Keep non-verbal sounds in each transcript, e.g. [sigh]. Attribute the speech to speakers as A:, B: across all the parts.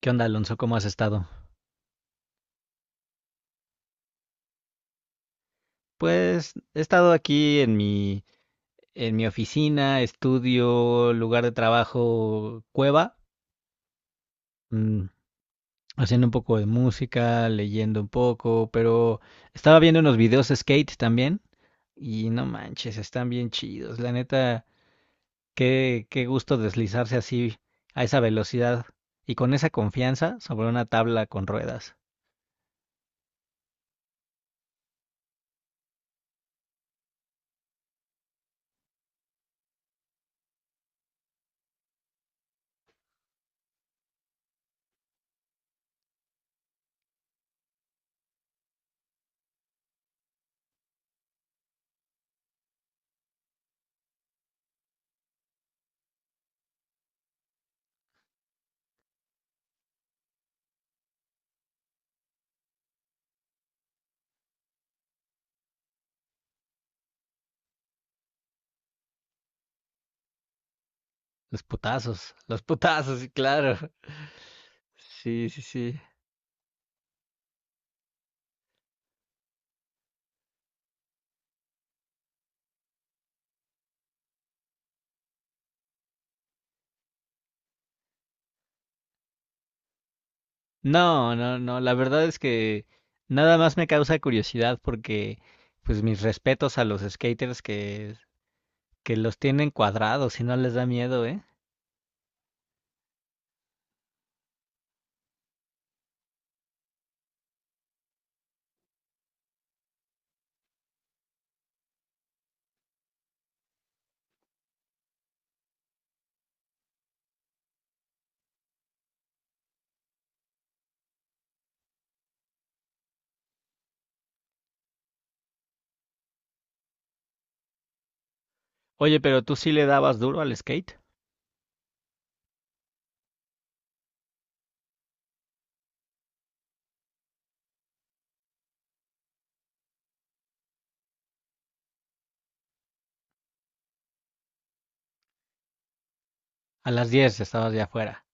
A: ¿Qué onda, Alonso? ¿Cómo has estado? Pues he estado aquí en mi oficina, estudio, lugar de trabajo, cueva, Mm, haciendo un poco de música, leyendo un poco, pero estaba viendo unos videos de skate también y no manches, están bien chidos. La neta, qué gusto deslizarse así a esa velocidad y con esa confianza sobre una tabla con ruedas. Los putazos, sí, claro. Sí, sí, sí. No, no, no, la verdad es que nada más me causa curiosidad pues mis respetos a los skaters que los tienen cuadrados y no les da miedo, ¿eh? Oye, pero tú sí le dabas duro al skate. A las 10 estabas ya afuera.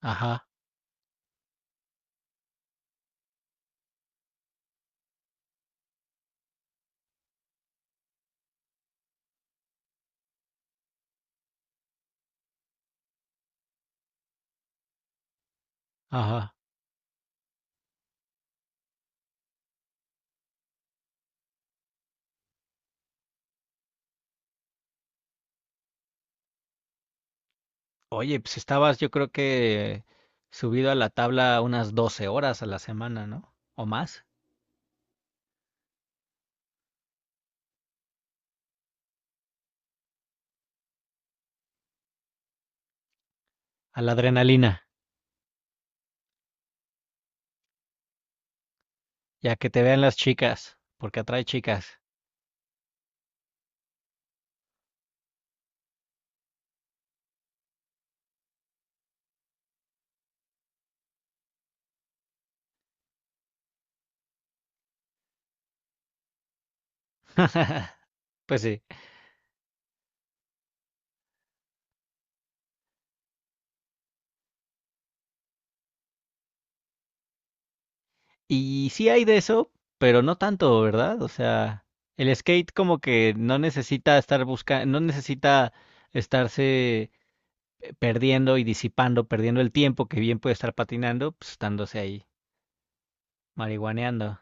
A: Ajá, ajá. Oye, pues estabas yo creo que subido a la tabla unas 12 horas a la semana, ¿no? O más. A la adrenalina, ya que te vean las chicas, porque atrae chicas. [laughs] Pues sí. Y sí hay de eso, pero no tanto, ¿verdad? O sea, el skate como que no necesita estar buscando, no necesita estarse perdiendo y disipando, perdiendo el tiempo que bien puede estar patinando, pues estándose ahí marihuaneando.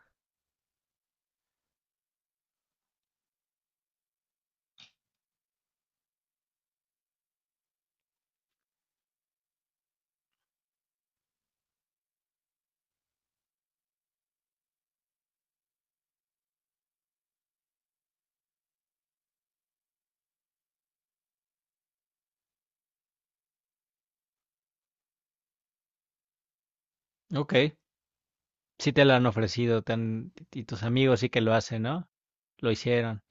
A: Ok, sí te lo han ofrecido, te han- y tus amigos sí que lo hacen, ¿no? Lo hicieron.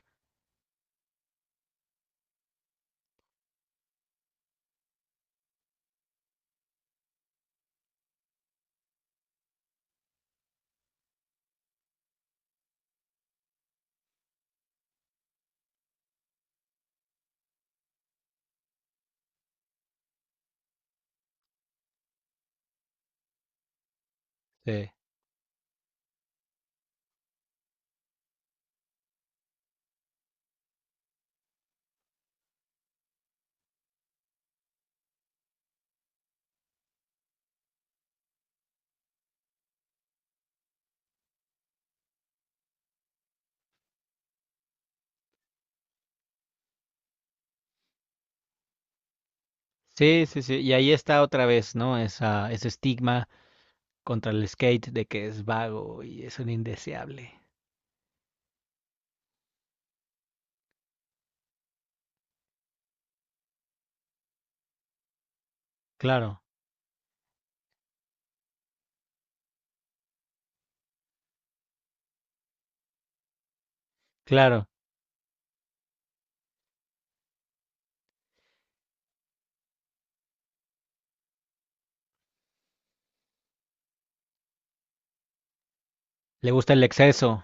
A: Sí. Sí, sí, sí. Y ahí está otra vez, ¿no? Esa, ese estigma contra el skate de que es vago y es un indeseable. Claro, claro. Le gusta el exceso,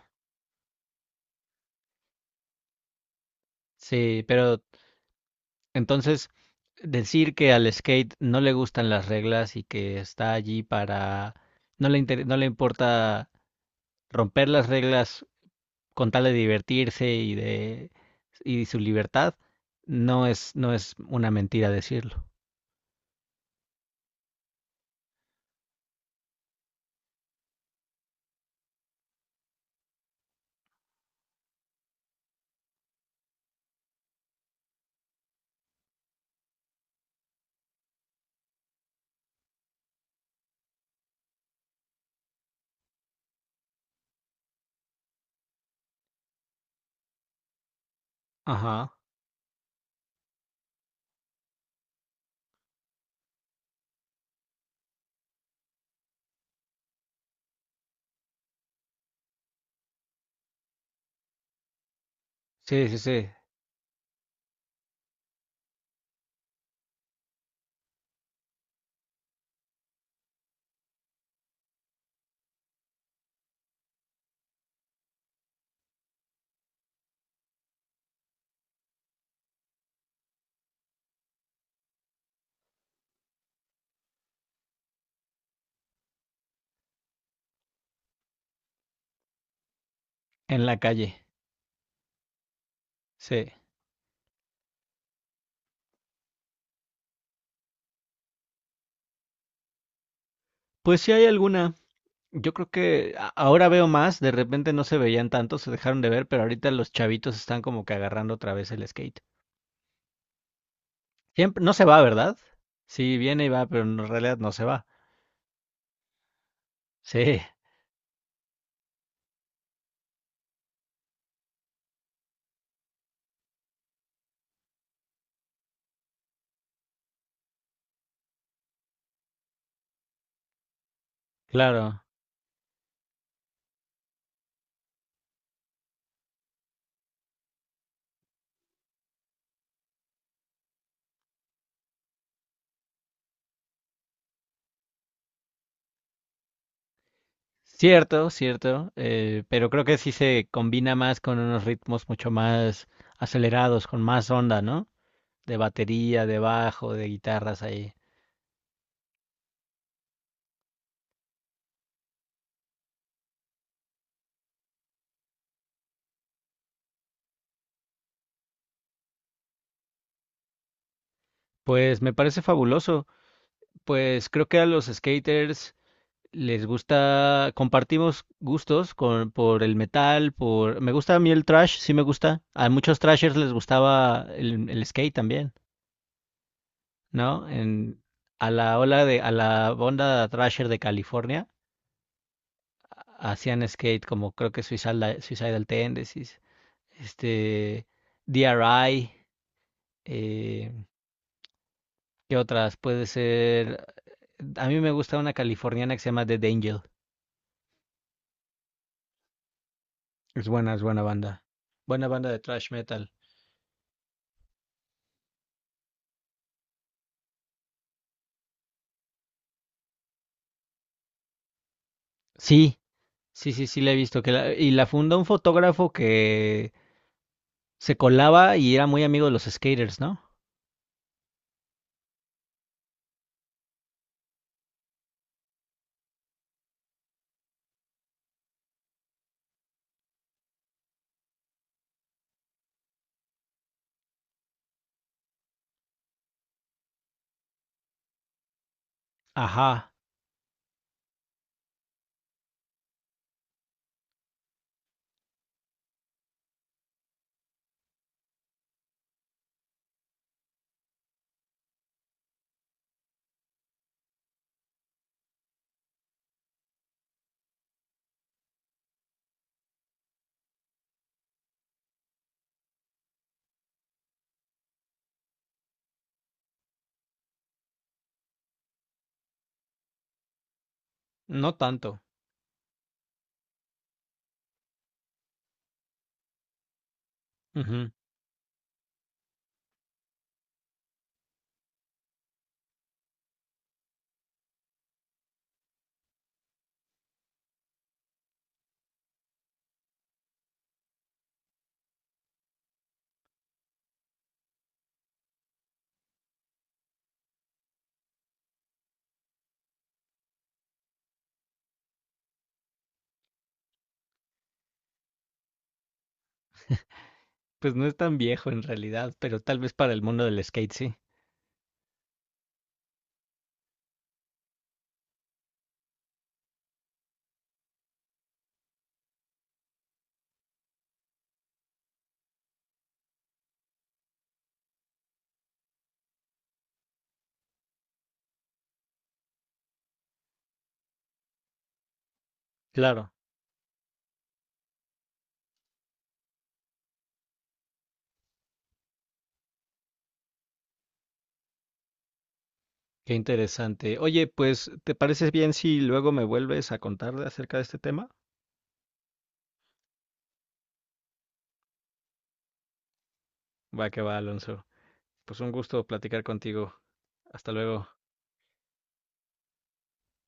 A: sí, pero entonces decir que al skate no le gustan las reglas y que está allí para... No le inter- no le importa romper las reglas con tal de divertirse y de y su libertad, no es, no es una mentira decirlo. Ajá, sí, sí, sí, en la calle, sí. Pues si hay alguna, yo creo que a- ahora veo más, de repente no se veían tanto, se dejaron de ver, pero ahorita los chavitos están como que agarrando otra vez el skate. Siempre, no se va, ¿verdad? Sí, viene y va, pero en realidad no se va. Sí, claro. Cierto, cierto, pero creo que sí se combina más con unos ritmos mucho más acelerados, con más onda, ¿no? De batería, de bajo, de guitarras ahí. Pues me parece fabuloso. Pues creo que a los skaters les gusta, compartimos gustos por el metal, por... Me gusta a mí el trash, sí me gusta. A muchos trashers les gustaba el skate también. ¿No? A la ola de, a la onda thrasher de California, hacían skate como creo que Suicidal, Suicidal Tendencies, este, DRI, eh, ¿qué otras? Puede ser, a mí me gusta una californiana que se llama The Angel, es buena banda de thrash metal. Sí, sí, sí, sí la he visto, que la- y la fundó un fotógrafo que se colaba y era muy amigo de los skaters, ¿no? Ajá, no tanto. Ujú. Pues no es tan viejo en realidad, pero tal vez para el mundo del skate sí. Claro, qué interesante. Oye, pues, ¿te parece bien si luego me vuelves a contar de- acerca de este tema? Va que va, Alonso. Pues un gusto platicar contigo. Hasta luego.